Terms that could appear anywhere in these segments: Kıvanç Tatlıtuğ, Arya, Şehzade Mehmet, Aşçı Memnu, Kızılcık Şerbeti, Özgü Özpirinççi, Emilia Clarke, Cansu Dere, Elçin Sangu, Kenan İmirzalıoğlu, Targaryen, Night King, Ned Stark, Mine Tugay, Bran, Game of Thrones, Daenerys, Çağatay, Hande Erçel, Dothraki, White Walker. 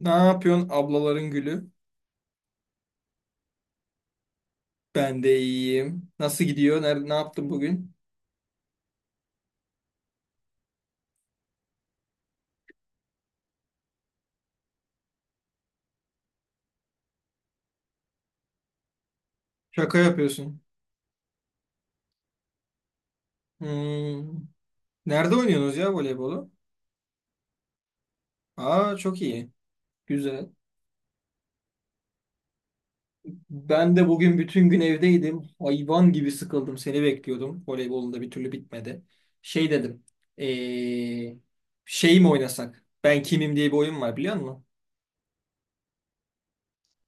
Ne yapıyorsun ablaların gülü? Ben de iyiyim. Nasıl gidiyor? Nerede, ne yaptın bugün? Şaka yapıyorsun. Hmm. Nerede oynuyorsunuz ya voleybolu? Aa çok iyi. Güzel. Ben de bugün bütün gün evdeydim. Hayvan gibi sıkıldım. Seni bekliyordum. Voleybolun da bir türlü bitmedi. Şey dedim. Ee, Şey mi oynasak? Ben kimim diye bir oyun var biliyor musun?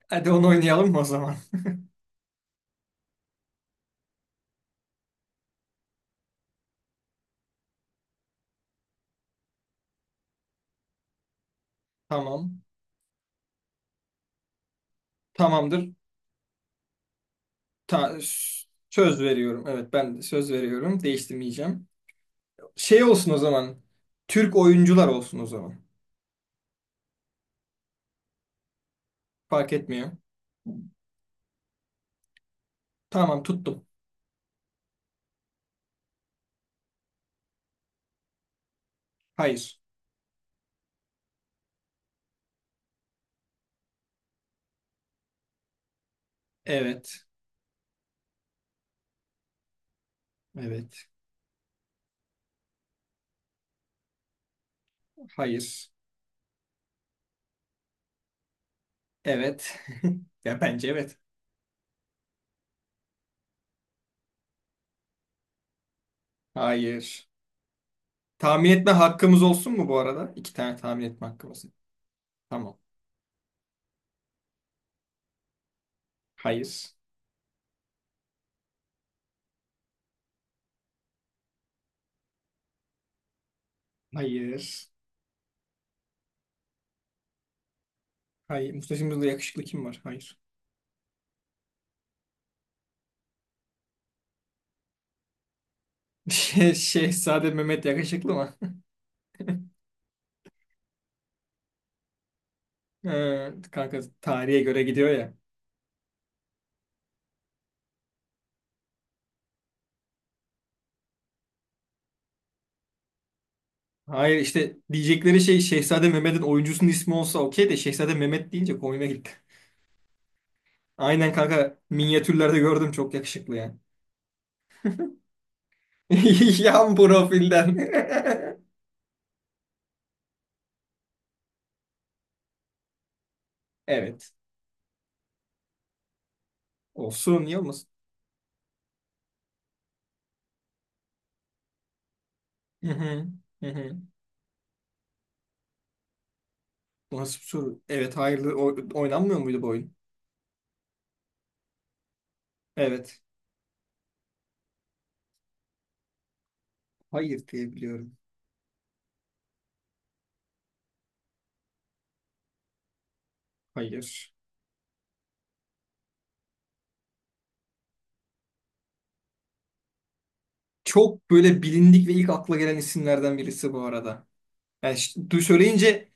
Hadi onu oynayalım mı o zaman? Tamam. Tamamdır. Ta- Söz veriyorum. Evet ben de söz veriyorum. Değiştirmeyeceğim. Şey olsun o zaman. Türk oyuncular olsun o zaman. Fark etmiyor. Tamam tuttum. Hayır. Evet. Evet. Hayır. Evet. Ya bence evet. Hayır. Tahmin etme hakkımız olsun mu bu arada? İki tane tahmin etme hakkımız. Tamam. Hayır. Hayır. Hayır. Mustafa'mızda yakışıklı kim var? Hayır. Şehzade Mehmet yakışıklı mı? Kanka tarihe göre gidiyor ya. Hayır, işte diyecekleri şey Şehzade Mehmet'in oyuncusunun ismi olsa okey de Şehzade Mehmet deyince komiğime gitti. Aynen kanka, minyatürlerde gördüm çok yakışıklı yani. Yan profilden. Evet. Olsun, niye olmasın? Hı hı. Hı hı. Bu nasıl bir soru? Evet, hayırlı oynanmıyor muydu bu oyun? Evet. Hayır diye biliyorum. Hayır. Çok böyle bilindik ve ilk akla gelen isimlerden birisi bu arada. Yani ş- du söyleyince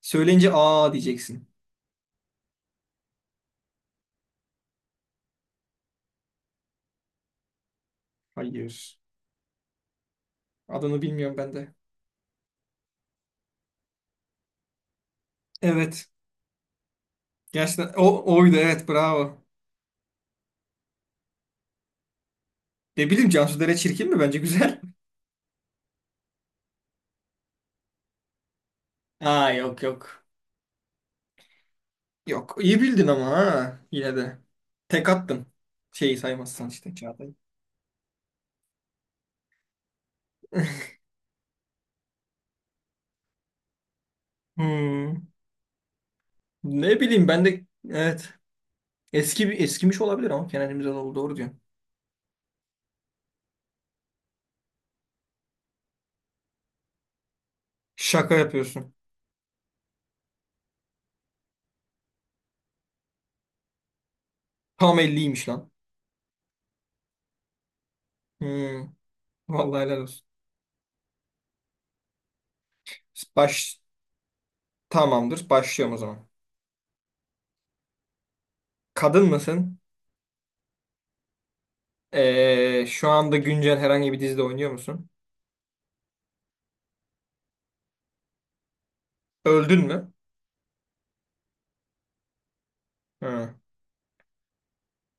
söyleyince aa diyeceksin. Hayır. Adını bilmiyorum ben de. Evet. Gerçekten o oydu, evet, bravo. Ne bileyim, Cansu Dere çirkin mi? Bence güzel. Aa, yok yok. Yok, iyi bildin ama, ha, yine de. Tek attın. Şeyi saymazsan işte, Çağatay. Hmm. Ne bileyim, ben de evet. Eski bir, eskimiş olabilir ama Kenan İmirzalıoğlu doğru diyorsun. Şaka yapıyorsun. Tam 50'ymiş lan. Hmm. Vallahi helal olsun. Baş, tamamdır. Başlıyorum o zaman. Kadın mısın? Şu anda güncel herhangi bir dizide oynuyor musun? Öldün mü? Hı.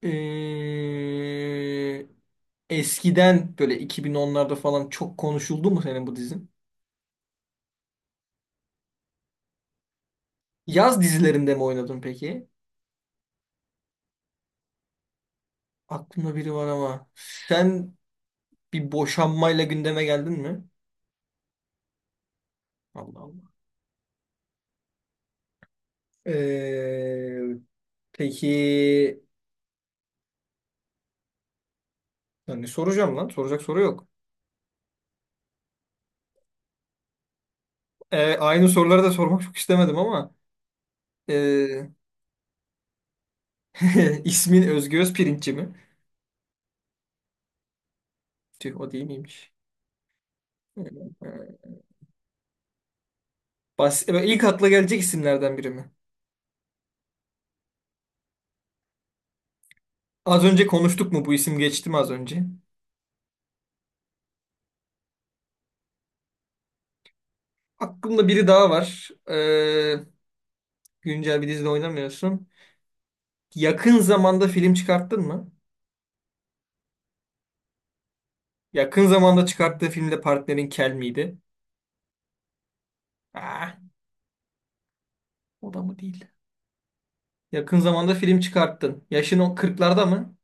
Ee, Eskiden böyle 2010'larda falan çok konuşuldu mu senin bu dizin? Yaz dizilerinde mi oynadın peki? Aklımda biri var ama sen bir boşanmayla gündeme geldin mi? Allah Allah. Ee, peki, yani soracağım lan. Soracak soru yok. Aynı soruları da sormak çok istemedim ama ee, ismin Özgü Özpirinççi mi? Tüh, o değil miymiş? Ee, ilk akla gelecek isimlerden biri mi? Az önce konuştuk mu? Bu isim geçti mi az önce? Aklımda biri daha var. Güncel bir dizide oynamıyorsun. Yakın zamanda film çıkarttın mı? Yakın zamanda çıkarttığı filmde partnerin kel miydi? Ah, o da mı değil? Yakın zamanda film çıkarttın. Yaşın o kırklarda mı?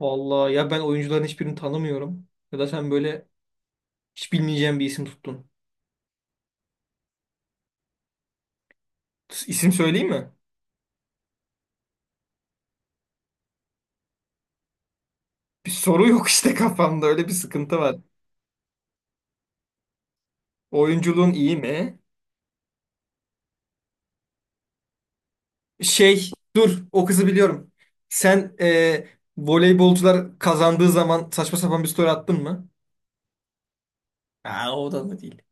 Vallahi ya, ben oyuncuların hiçbirini tanımıyorum. Ya da sen böyle hiç bilmeyeceğim bir isim tuttun. İsim söyleyeyim mi? Bir soru yok işte kafamda. Öyle bir sıkıntı var. Oyunculuğun iyi mi? Şey dur, o kızı biliyorum. Sen voleybolcular kazandığı zaman saçma sapan bir story attın mı? Aa, o da mı değil.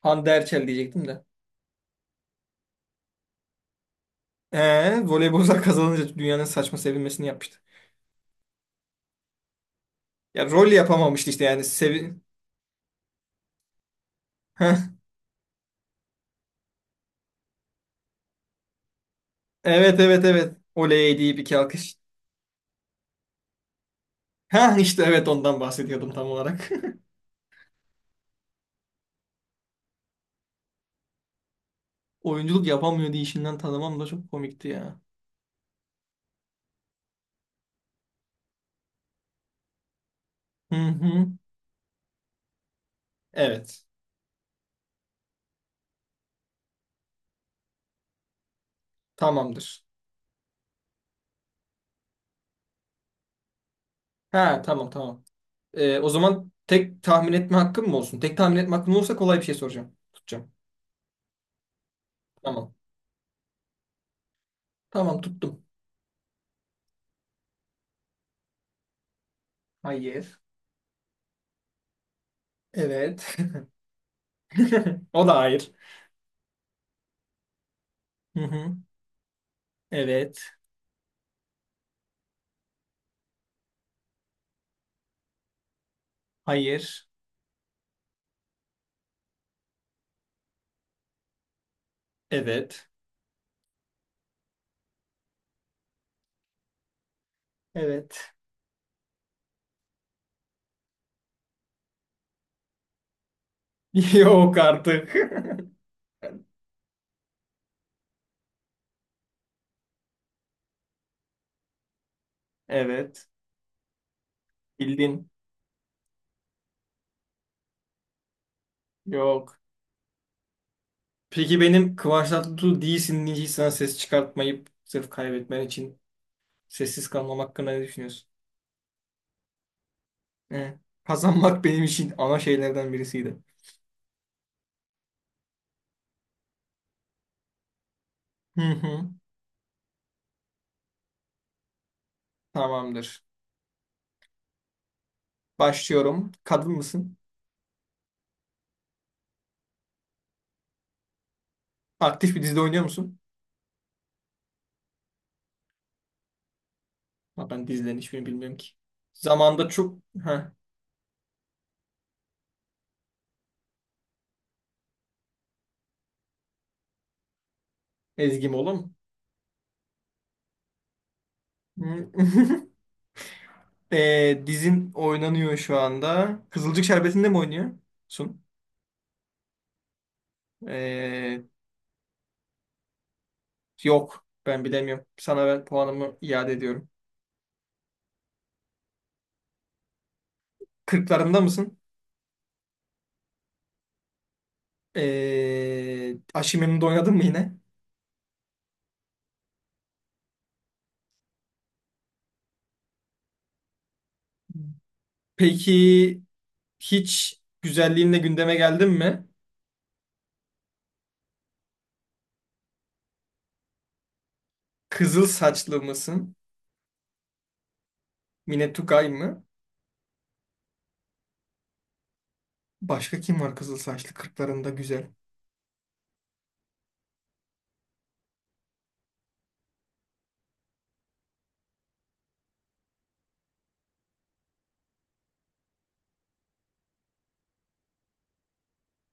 Hande Erçel diyecektim de. Voleybolcular kazanınca dünyanın saçma sevinmesini yapmıştı. Ya rol yapamamıştı işte yani. Sevi, heh, evet evet evet. Oley deyip iki alkış. Heh, işte evet, ondan bahsediyordum tam olarak. Oyunculuk yapamıyor diye işinden tanımam da çok komikti ya. Hı hı. Evet. Tamamdır. Ha, tamam tamam. O zaman tek tahmin etme hakkım mı olsun? Tek tahmin etme hakkım olursa kolay bir şey soracağım. Tutacağım. Tamam. Tamam tuttum. Hayır. Evet. O da hayır. Hı hı. Evet. Hayır. Evet. Evet. Yok artık. Evet. Bildin. Yok. Peki benim Kıvanç Tatlıtuğ değilsin diye hiç sana ses çıkartmayıp sırf kaybetmen için sessiz kalmam hakkında ne düşünüyorsun? He. Kazanmak benim için ana şeylerden birisiydi. Hı hı. Tamamdır. Başlıyorum. Kadın mısın? Aktif bir dizide oynuyor musun? Ha, ben dizilerin hiçbirini bilmiyorum ki. Zamanda çok... Ha, Ezgi Mola. Hı. Dizin oynanıyor şu anda. Kızılcık Şerbeti'nde mi oynuyorsun? Ee, Yok, ben bilemiyorum. Sana ben puanımı iade ediyorum. Kırklarında mısın? Aşçı Memnu'da oynadın mı yine? Peki, hiç güzelliğinle gündeme geldin mi? Kızıl saçlı mısın? Mine Tugay mı? Başka kim var kızıl saçlı kırklarında güzel?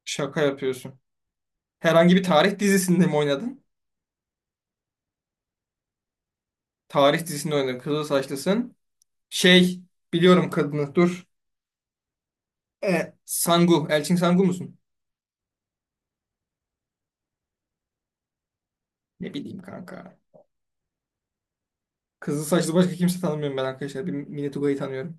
Şaka yapıyorsun. Herhangi bir tarih dizisinde mi oynadın? Tarih dizisinde oynadın. Kızıl saçlısın. Şey, biliyorum kadını, dur. E, Sangu. Elçin Sangu musun? Ne bileyim kanka. Kızıl saçlı başka kimse tanımıyorum ben, arkadaşlar. Bir Mine Tugay'ı tanıyorum.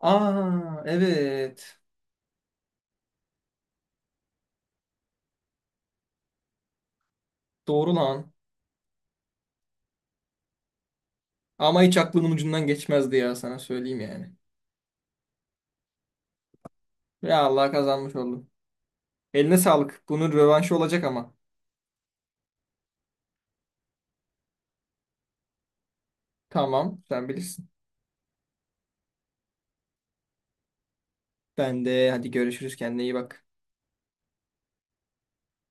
Aa evet. Doğru lan. Ama hiç aklımın ucundan geçmezdi ya, sana söyleyeyim yani. Ya Allah, kazanmış oldum. Eline sağlık. Bunun rövanşı olacak ama. Tamam, sen bilirsin. Ben de, hadi görüşürüz, kendine iyi bak.